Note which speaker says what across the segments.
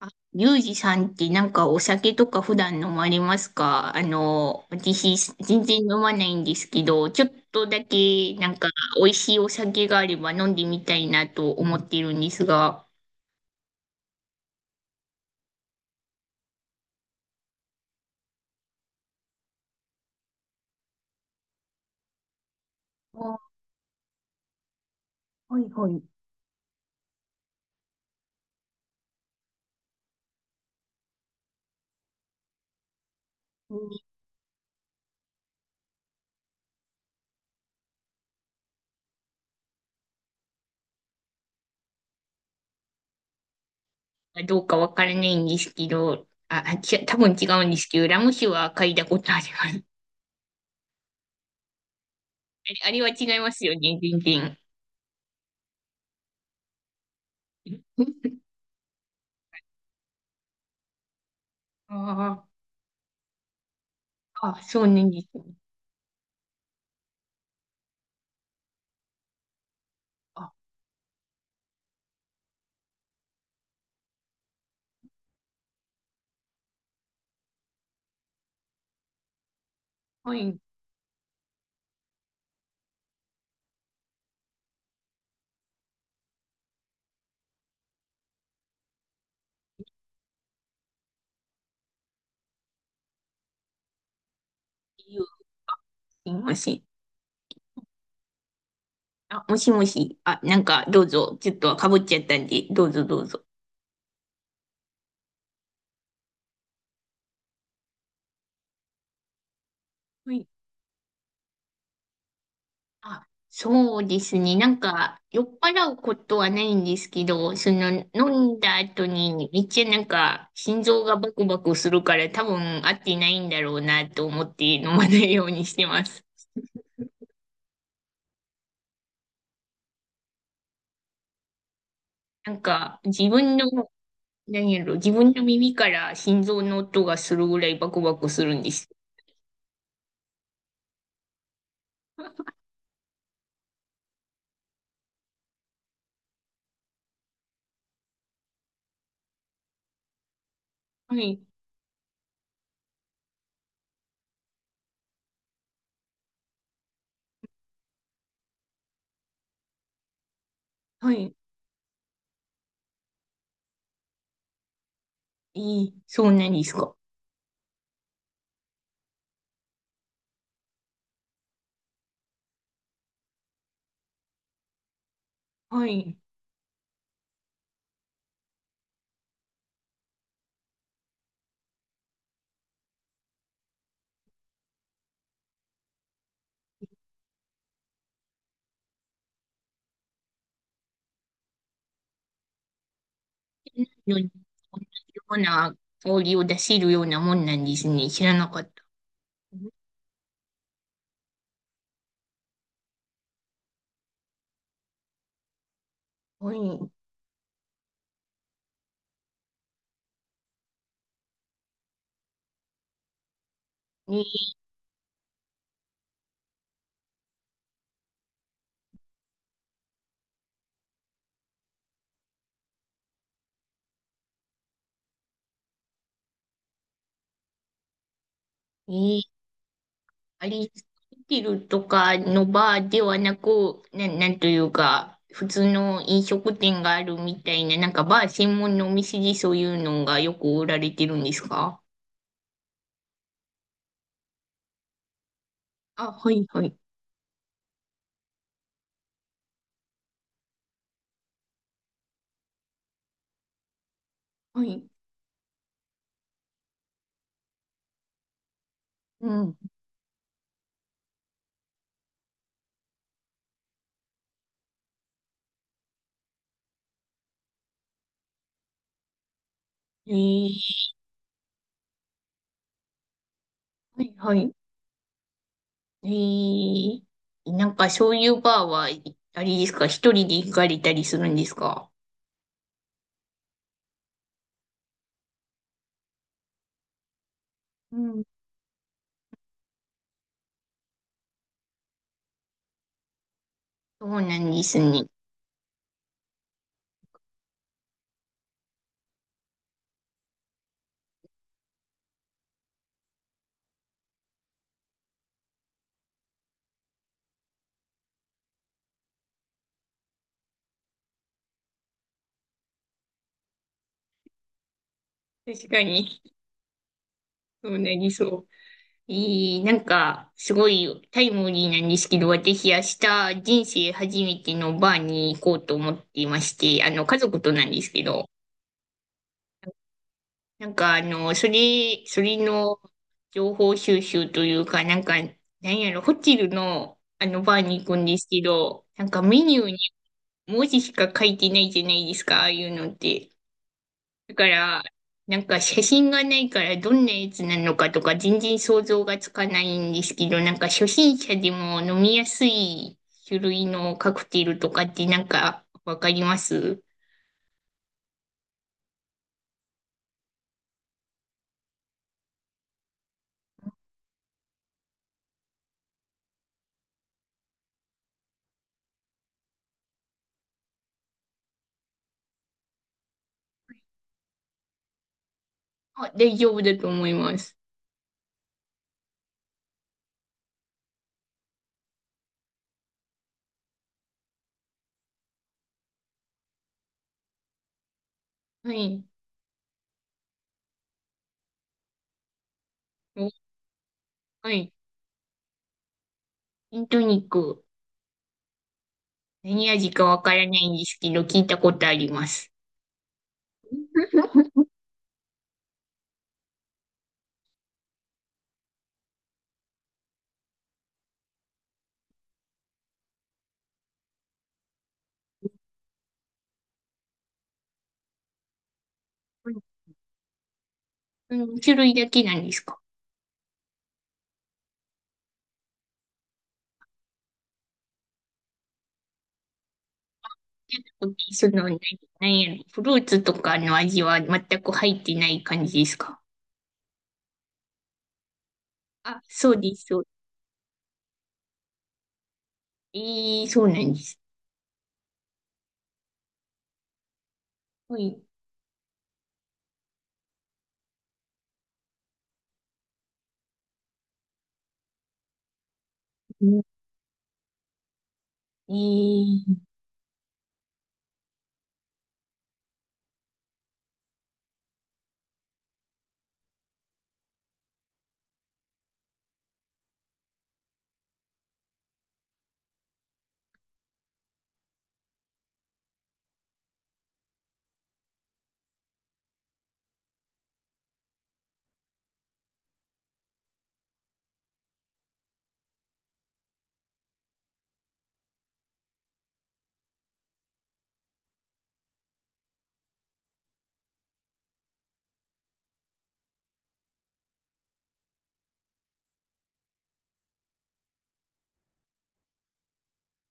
Speaker 1: あ、リュウジさんってなんかお酒とか普段飲まれますか？私全然飲まないんですけど、ちょっとだけなんか美味しいお酒があれば飲んでみたいなと思ってるんですが、あ、はいはい。うん。どうかわからないんですけど、あ、あち多分違うんですけど、ラム酒は嗅いだことあります。あれは違いますよね、全然。あああ、そうなんですね。あ、はい、すいません。あ、もしもし。あ、どうぞ。ちょっとかぶっちゃったんで、どうぞどうぞ。はい。あ、そうですね。なんか、酔っ払うことはないんですけど、その、飲んだ後に、めっちゃなんか、心臓がバクバクするから、多分合ってないんだろうなと思って飲まないようにしてます。なんか、自分の耳から心臓の音がするぐらいバクバクするんです。はい。はい。いい。そうなんですか。はい。のに同じような香りを出せるようなもんなんですね。知らなかった。はい。に、に、あれ、ホテルとかのバーではなく、なんというか、普通の飲食店があるみたいな、なんかバー専門のお店でそういうのがよく売られてるんですか？あ、はいはい。はい。うん。えー、はいはい。えなんかそういうバーは、あれですか、一人で行かれたりするんですか？うん。そうなんですね。確かに、そうなりそうね。なんか、すごいタイムリーなんですけど、私、明日、人生初めてのバーに行こうと思っていまして、家族となんですけど、なんか、それの情報収集というか、なんか、なんやろ、ホテルの、バーに行くんですけど、なんかメニューに文字しか書いてないじゃないですか、ああいうのって。だから、なんか写真がないからどんなやつなのかとか全然想像がつかないんですけど、なんか初心者でも飲みやすい種類のカクテルとかってなんかわかります？あ、大丈夫だと思います。はい。おはい。ジントニック。何味かわからないんですけど、聞いたことあります。うん、種類だけなんですか？その、何何やろ、フルーツとかの味は全く入ってない感じですか？あ、そうです、そう。ええ、そうなんです。はい。うん。ええ。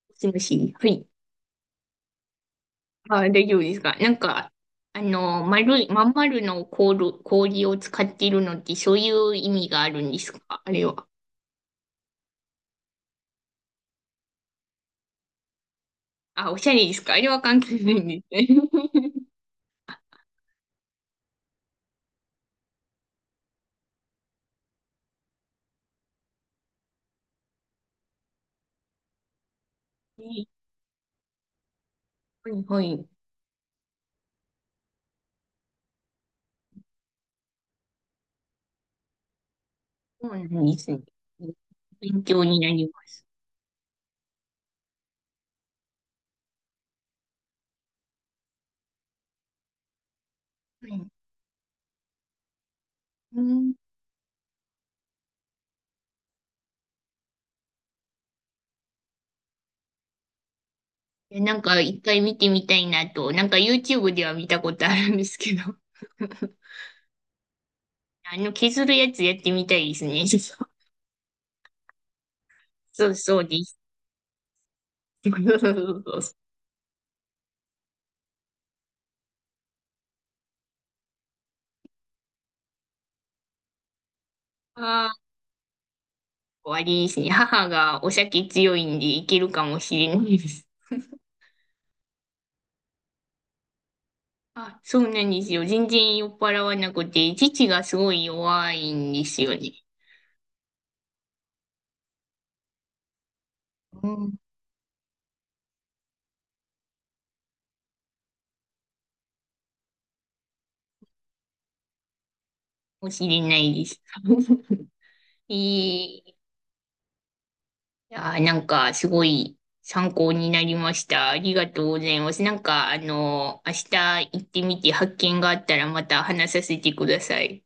Speaker 1: もしもし。はい。あ、大丈夫ですか。なんか、まん丸の氷を使っているのって、そういう意味があるんですか、あれは。あ、おしゃれですか？あれは関係ないんですね。ええ、はい、はい。そうなんですね。勉強になります。はい。うん。いや、なんか、一回見てみたいなと、なんか YouTube では見たことあるんですけど。削るやつやってみたいですね。そうそうです。ああ、終わですね。母がお酒強いんでいけるかもしれないです。あ、そうなんですよ。全然酔っ払わなくて、父がすごい弱いんですよね。うん。かもしれないです。いやー、なんかすごい参考になりました。ありがとうございます。なんか、明日行ってみて発見があったらまた話させてください。